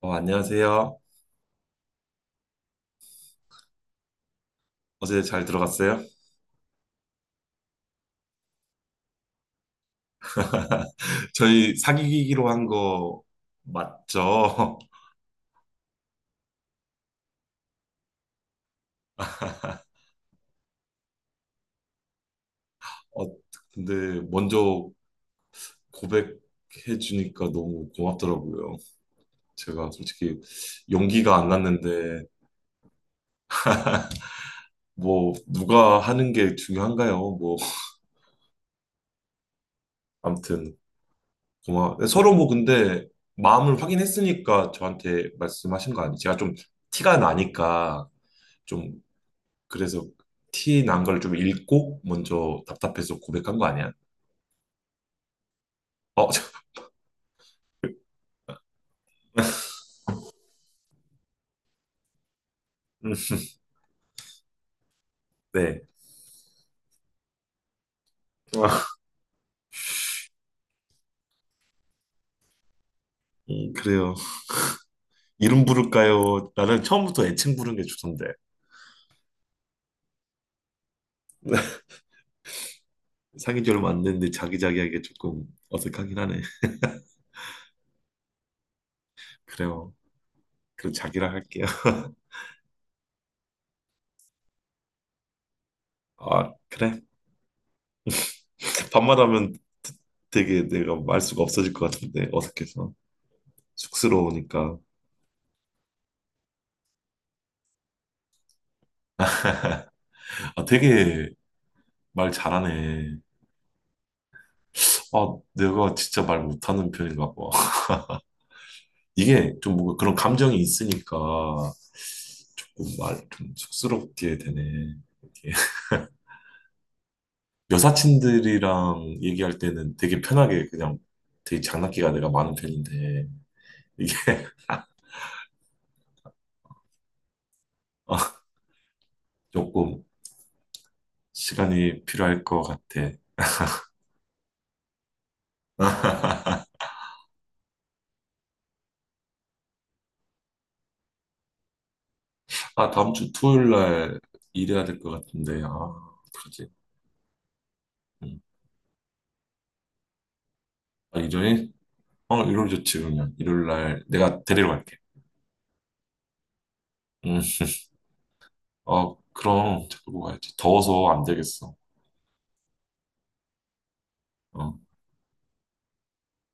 안녕하세요. 어제 잘 들어갔어요? 저희 사귀기로 한 거 맞죠? 어, 근데 먼저 고백해 주니까 너무 고맙더라고요. 제가 솔직히 용기가 안 났는데 뭐 누가 하는 게 중요한가요? 뭐 아무튼 고마 서로 뭐 근데 마음을 확인했으니까 저한테 말씀하신 거 아니에요? 제가 좀 티가 나니까 좀 그래서 티난 걸 좀 읽고 먼저 답답해서 고백한 거 아니야? 저- 음, 네. 아, 그래요. 이름 부를까요? 나는 처음부터 애칭 부른 게 좋던데. 사귄 지 얼마 안 됐는데 자기자기하게 조금 어색하긴 하네. 그래요. 그럼 자기라 할게요. 아, 그래. 밤마다 하면 되게 내가 말 수가 없어질 것 같은데 어색해서 쑥스러우니까 아 되게 말 잘하네. 아 내가 진짜 말 못하는 편인가 봐. 이게 좀 뭔가 그런 감정이 있으니까 조금 말 좀 쑥스럽게 되네. 이렇게. 여사친들이랑 얘기할 때는 되게 편하게 그냥 되게 장난기가 내가 많은 편인데 이게 아, 조금 시간이 필요할 것 같아. 아, 다음 주 토요일 날 일해야 될 것 같은데. 아, 그러지. 음. 아, 일요일? 일요일 좋지, 그러면. 일요일 날 내가 데리러 갈게. 음. 그럼 자꾸 가야지. 더워서 안 되겠어. 어.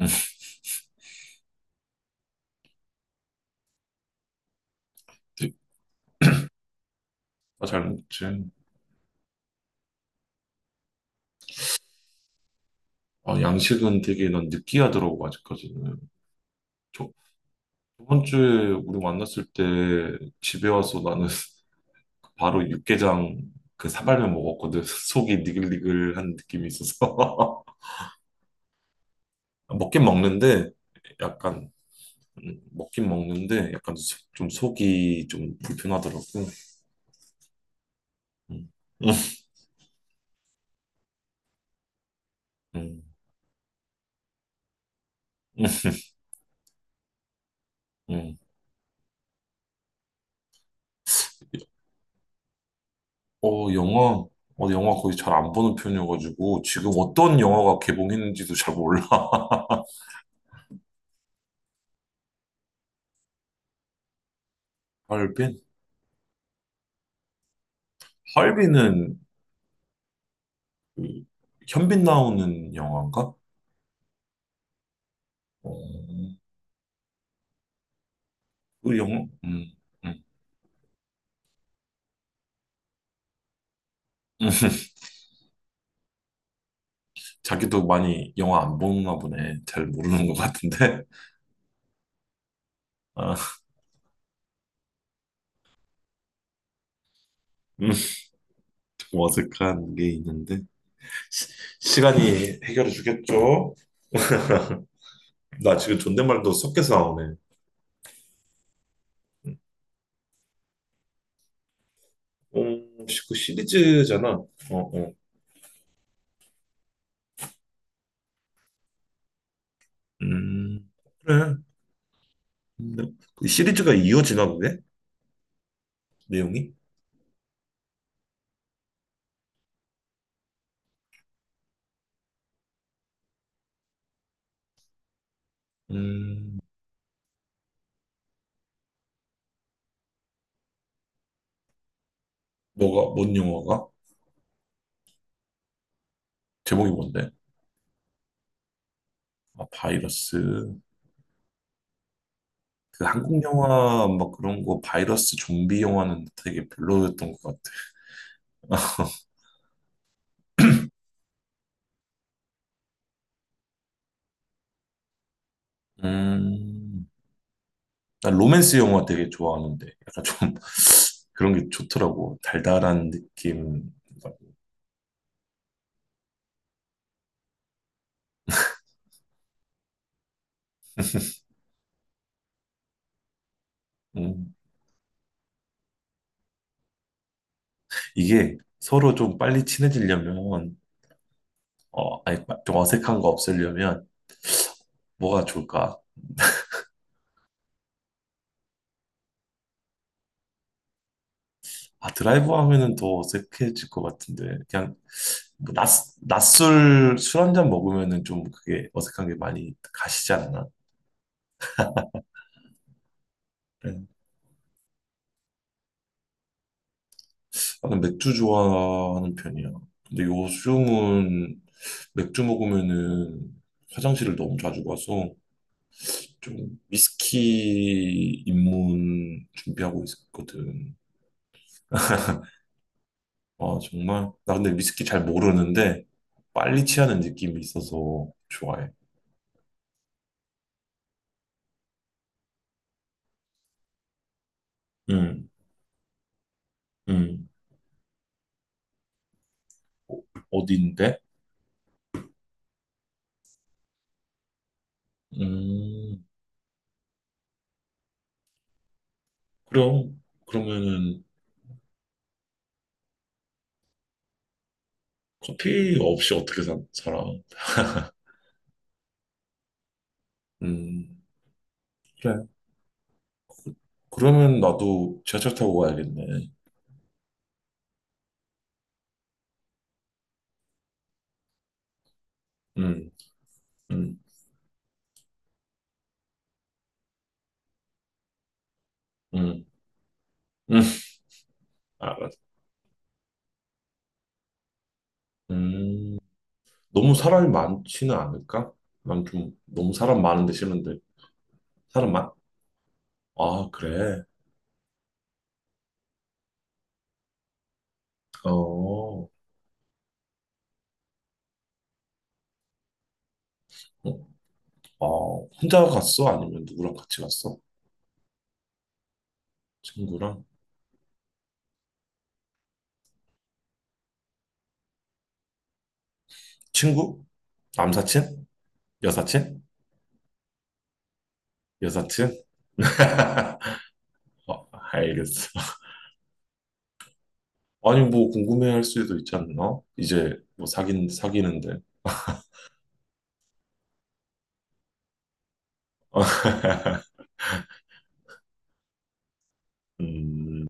응. 아, 잘 먹지. 아, 양식은 되게 난 느끼하더라고, 아직까지는. 저, 저번 주에 우리 만났을 때 집에 와서 나는 바로 육개장 그 사발면 먹었거든. 속이 니글니글한 느낌이 있어서. 먹긴 먹는데, 약간, 먹긴 먹는데, 약간 속- 좀 속이 좀 불편하더라고. 음, 음, 음, 음. 어, 영화, 어, 영화 거의 잘 안 보는 편이어가지고, 지금 어떤 영화가 개봉했는지도 잘 몰라. 잘 할비는 그 현빈 나오는 영화인가? 어, 그 영화? 음. 자기도 많이 영화 안 보나 보네. 잘 모르는 것 같은데. 아, 음, 좀 어색한 게 있는데. 시, 시간이 해결해 주겠죠? 나 지금 존댓말도 섞여서 나오네. 그 시리즈잖아. 어, 어. 음, 그래. 근데 그 시리즈가 이어지나 보네? 내용이? 음, 뭐가, 뭔 영화가? 제목이 뭔데? 아, 바이러스. 그 한국 영화 막 그런 거 바이러스 좀비 영화는 되게 별로였던 것 같아. 음, 난 로맨스 영화 되게 좋아하는데 약간 좀 그런 게 좋더라고. 달달한 느낌. 음, 이게 서로 좀 빨리 친해지려면 어, 아니 좀 어색한 거 없애려면 뭐가 좋을까? 아, 드라이브 하면은 더 어색해질 것 같은데 그냥 뭐 낮, 낮술 술 한잔 먹으면은 좀 그게 어색한 게 많이 가시지 않나? 그래. 나는 맥주 좋아하는 편이야. 근데 요즘은 맥주 먹으면은 화장실을 너무 자주 가서 좀 위스키 입문 준비하고 있거든. 아, 정말? 나 근데 위스키 잘 모르는데 빨리 취하는 느낌이 있어서 좋아해. 응, 응. 어, 어디인데? 음, 그럼, 그러면은 커피 없이 어떻게 살아? 음, 그래. 그러면 나도 지하철 타고 가야겠네. 음, 음, 음, 음, 알았어. 음, 너무 사람이 많지는 않을까? 난 좀 너무 사람 많은데 싫은데. 사람 많? 아, 그래. 어, 어, 어, 혼자 갔어? 아니면 누구랑 같이 갔어? 친구랑? 친구? 남사친? 여사친? 여사친? 알겠어. 아니, 뭐, 궁금해 할 수도 있지 않나? 이제, 뭐, 사귀는데. 음,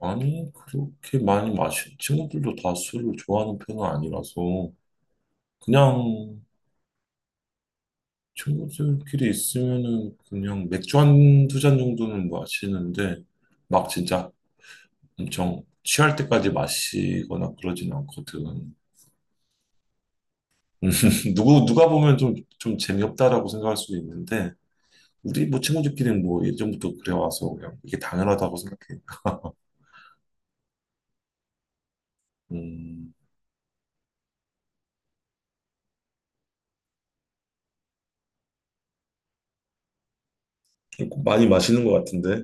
아니, 그렇게 많이 마시, 친구들도 다 술을 좋아하는 편은 아니라서, 그냥 친구들끼리 있으면은 그냥 맥주 한 두 잔 정도는 마시는데, 막 진짜 엄청 취할 때까지 마시거나 그러진 않거든. 누가 보면 좀, 좀 재미없다라고 생각할 수도 있는데, 우리 뭐 친구들끼리는 뭐 예전부터 그래와서 그냥 이게 당연하다고 생각해. 음, 많이 마시는 것 같은데.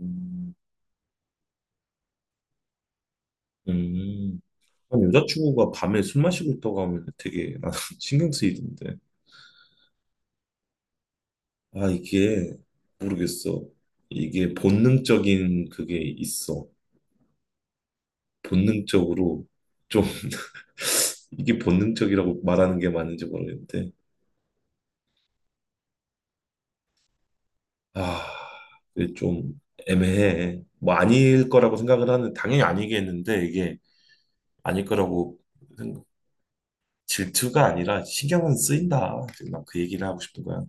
음, 음. 난 여자친구가 밤에 술 마시고 있다고 하면 되게 나는 신경 쓰이던데. 아, 이게 모르겠어. 이게 본능적인 그게 있어. 본능적으로 좀 이게 본능적이라고 말하는 게 맞는지 모르겠는데. 아, 이게 좀 애매해. 뭐 아닐 거라고 생각을 하는 당연히 아니겠는데 이게 아닐 거라고 생각- 질투가 아니라 신경은 쓰인다. 지금 난그 얘기를 하고 싶은 거야.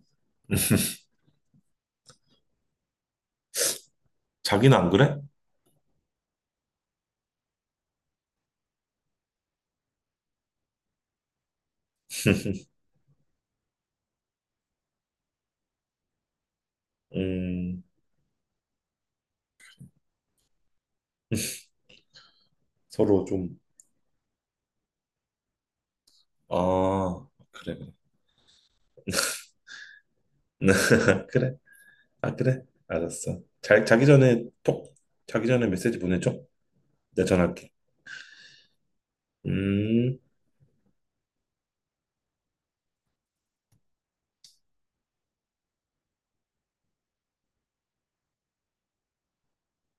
자기는 안 그래? 음, 서로 좀 아, 그래, 그래. 그래. 아, 그래. 알았어. 자, 자기 전에 톡, 자기 전에 메시지 보내줘. 내가 전화할게. 음.